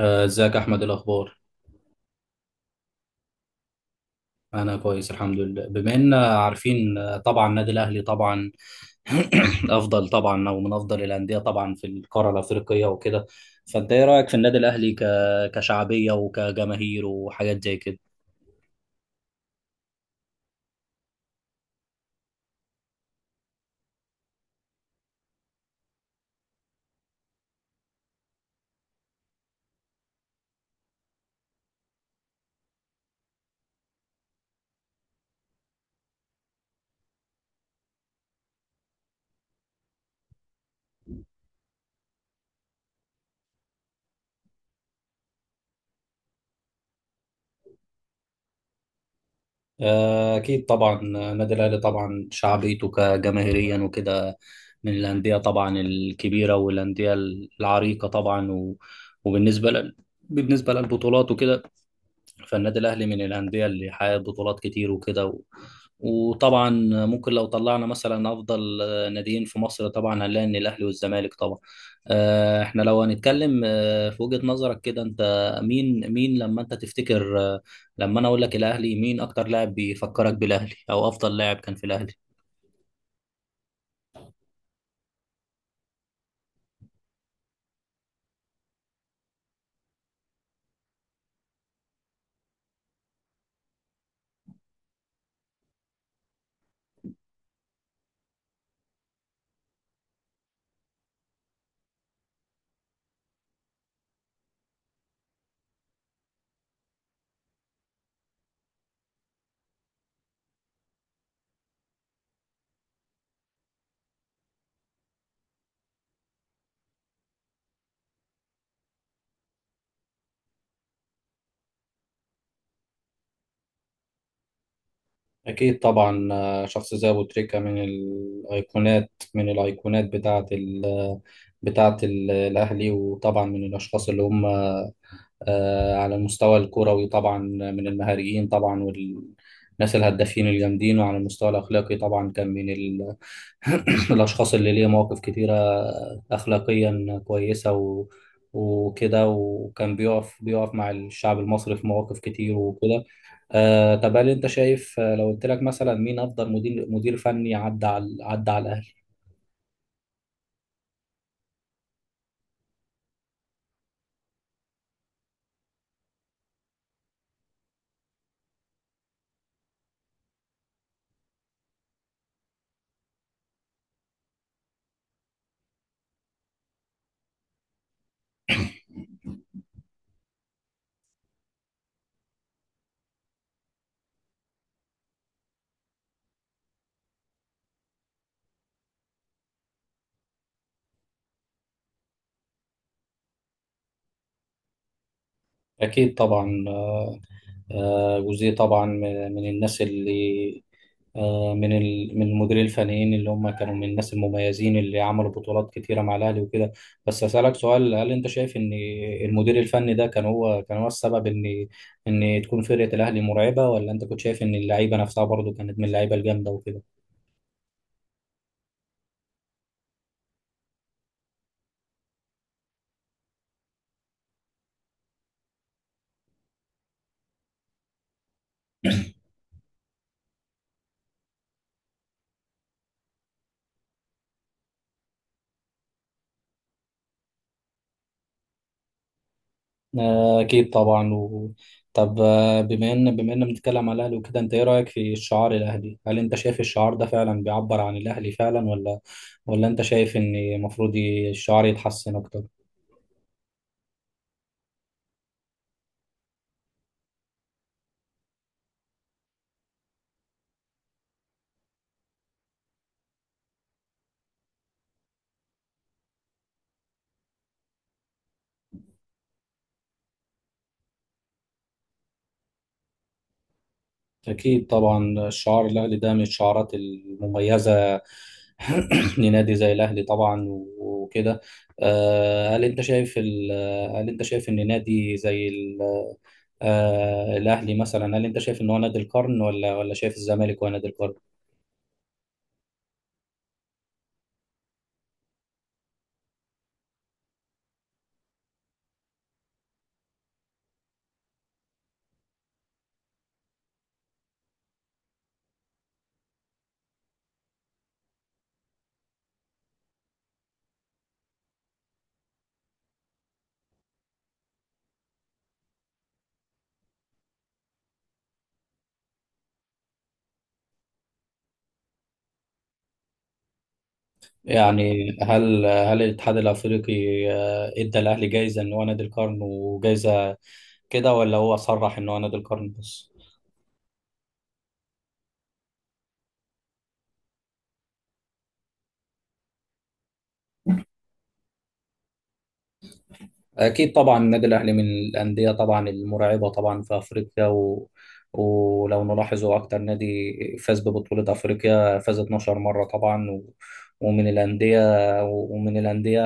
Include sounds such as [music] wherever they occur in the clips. ازيك احمد، إيه الاخبار؟ انا كويس الحمد لله، بما ان عارفين طبعا النادي الاهلي طبعا [clears throat] افضل طبعا، او من افضل الانديه طبعا في القاره الافريقيه وكده. فانت ايه رايك في النادي الاهلي كشعبيه وكجماهير وحاجات زي كده؟ اكيد طبعا. النادي الاهلي طبعا شعبيته كجماهيريا وكده، من الانديه طبعا الكبيره والانديه العريقه طبعا وبالنسبه ل... بالنسبه للبطولات وكده. فالنادي الأهلي من الأندية اللي حققت بطولات كتير وكده وطبعا ممكن لو طلعنا مثلا أفضل ناديين في مصر، طبعا هنلاقي إن الأهلي والزمالك طبعا. إحنا لو هنتكلم في وجهة نظرك كده، أنت مين لما أنت تفتكر، لما أنا أقول لك الأهلي، مين أكتر لاعب بيفكرك بالأهلي أو أفضل لاعب كان في الأهلي؟ أكيد طبعا. شخص زي أبو تريكة من الأيقونات، الأهلي، وطبعا من الأشخاص اللي هم على المستوى الكروي طبعا من المهاريين طبعا والناس الهدافين الجامدين، وعلى المستوى الأخلاقي طبعا كان من [clears throat] الأشخاص اللي ليه مواقف كتيرة أخلاقيا كويسة وكده، وكان بيقف مع الشعب المصري في مواقف كتير وكده. طب، هل أنت شايف، لو قلت لك مثلا مين أفضل مدير فني عدى على الأهلي؟ أكيد طبعا. جزئية طبعا من الناس اللي من المديرين الفنيين اللي هم كانوا من الناس المميزين اللي عملوا بطولات كتيرة مع الأهلي وكده. بس أسألك سؤال، هل أنت شايف إن المدير الفني ده كان هو السبب إن تكون فرقة الأهلي مرعبة، ولا أنت كنت شايف إن اللعيبة نفسها برضه كانت من اللعيبة الجامدة وكده؟ أكيد طبعا طب، بما إن بنتكلم على الأهلي وكده، أنت إيه رأيك في الشعار الأهلي؟ هل أنت شايف الشعار ده فعلا بيعبر عن الأهلي فعلا، ولا أنت شايف إن المفروض الشعار يتحسن أكتر؟ أكيد طبعا. الشعار الأهلي ده من الشعارات المميزة [clears throat] لنادي زي الأهلي طبعا وكده. آه، هل أنت شايف ال... هل أنت شايف إن نادي زي الأهلي مثلا، هل أنت شايف إن هو نادي القرن، ولا شايف الزمالك هو نادي القرن؟ يعني هل الاتحاد الافريقي ادى الاهلي جايزه ان هو نادي القرن وجايزه كده، ولا هو صرح ان هو نادي القرن بس؟ أكيد طبعا. النادي الأهلي من الأندية طبعا المرعبة طبعا في أفريقيا ولو نلاحظ، هو أكتر نادي فاز ببطولة أفريقيا، فاز 12 مرة طبعا ومن الأندية ومن الأندية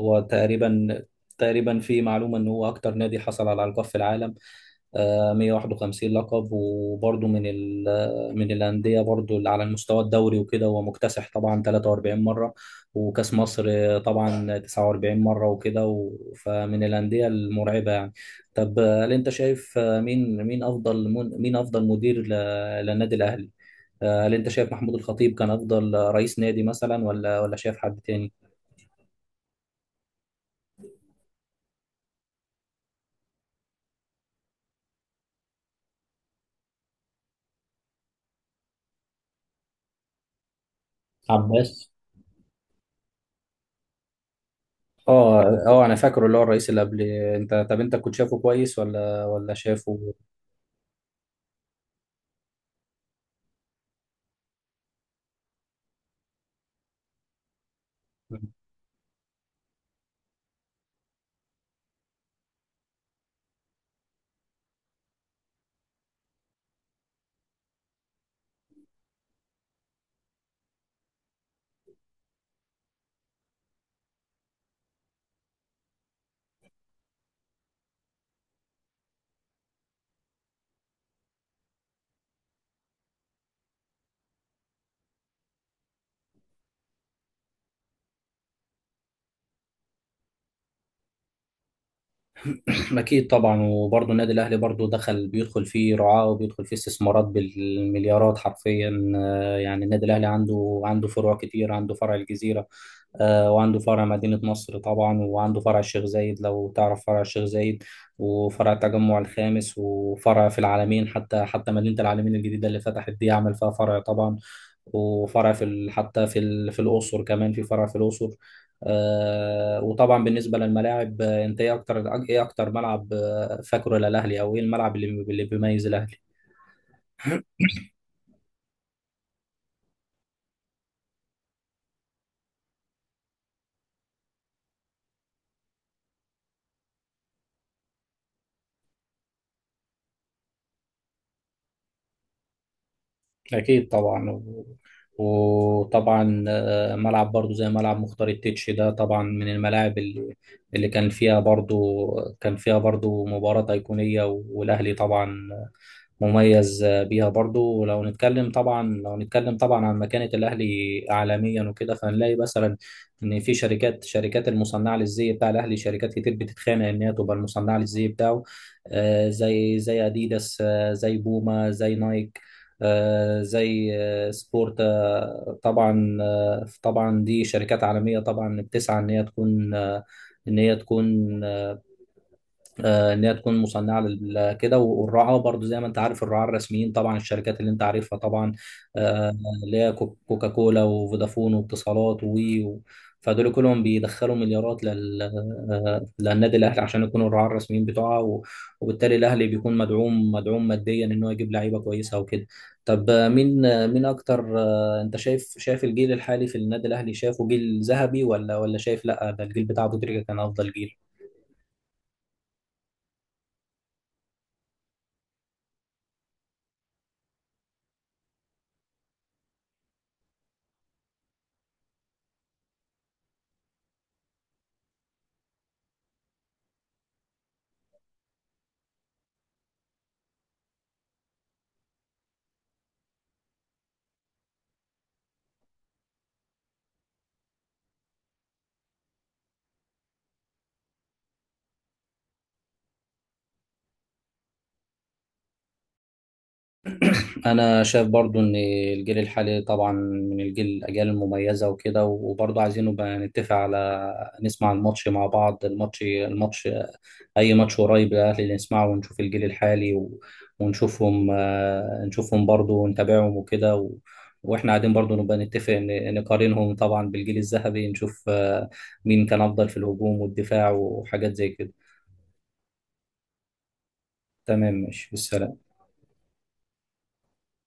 هو تقريبا في معلومة إن هو أكتر نادي حصل على ألقاب في العالم، 151 لقب، وبرضه من من الأندية برضه على المستوى الدوري وكده هو مكتسح طبعا 43 مرة، وكأس مصر طبعا 49 مرة وكده فمن الأندية المرعبة يعني. طب، هل أنت شايف مين أفضل مدير للنادي الأهلي؟ هل أنت شايف محمود الخطيب كان أفضل رئيس نادي مثلا، ولا شايف حد تاني؟ عباس. اه، اه، انا فاكره اللي هو الرئيس اللي قبل انت. طب انت كنت شايفه كويس، ولا شايفه؟ [clears throat] أكيد طبعا، وبرضه النادي الأهلي برضه بيدخل فيه رعاة، وبيدخل فيه استثمارات بالمليارات حرفيا. يعني النادي الأهلي عنده فروع كتير، عنده فرع الجزيرة، وعنده فرع مدينة نصر طبعا، وعنده فرع الشيخ زايد لو تعرف فرع الشيخ زايد، وفرع التجمع الخامس، وفرع في العالمين، حتى مدينة العالمين الجديدة اللي فتحت دي عمل فيها فرع طبعا، وفرع في ال- حتى في ال- في الأقصر، كمان في فرع في الأقصر. وطبعا بالنسبة للملاعب، انت ايه اكتر ملعب فاكره للأهلي، او ايه الملعب اللي بيميز الأهلي؟ أكيد طبعا وطبعا. ملعب برضو زي ملعب مختار التتش ده طبعا من الملاعب اللي كان فيها برضو مباراة أيقونية، والأهلي طبعا مميز بيها برضو. ولو نتكلم طبعا لو نتكلم طبعا عن مكانة الأهلي عالميا وكده، فهنلاقي مثلا إن في شركات المصنعة للزي بتاع الأهلي، شركات كتير بتتخانق إن هي تبقى المصنعة للزي بتاعه. زي أديداس، زي بوما، زي نايك، زي سبورتا. طبعا دي شركات عالمية طبعا بتسعى ان هي تكون، ان هي تكون ان هي تكون مصنعه كده. والرعاه برضو زي ما انت عارف، الرعاه الرسميين طبعا، الشركات اللي انت عارفها طبعا، آه، اللي هي كوكاكولا وفودافون واتصالات و- فدول كلهم بيدخلوا مليارات للنادي الاهلي عشان يكونوا الرعاه الرسميين بتوعها، وبالتالي الاهلي بيكون مدعوم ماديا ان هو يجيب لعيبه كويسه وكده. طب، مين اكتر، انت شايف الجيل الحالي في النادي الاهلي، شايفه جيل ذهبي، ولا شايف لا ده الجيل بتاع ابو تريكه كان افضل جيل؟ انا شايف برضو ان الجيل الحالي طبعا من الاجيال المميزه وكده. وبرضو عايزين نبقى نتفق على نسمع الماتش مع بعض. الماتش الماتش اي ماتش قريب الاهلي نسمعه ونشوف الجيل الحالي، ونشوفهم آه، نشوفهم برضو ونتابعهم وكده، واحنا قاعدين برضو نبقى نتفق نقارنهم طبعا بالجيل الذهبي، نشوف مين كان افضل في الهجوم والدفاع وحاجات زي كده. تمام، ماشي، بالسلامه.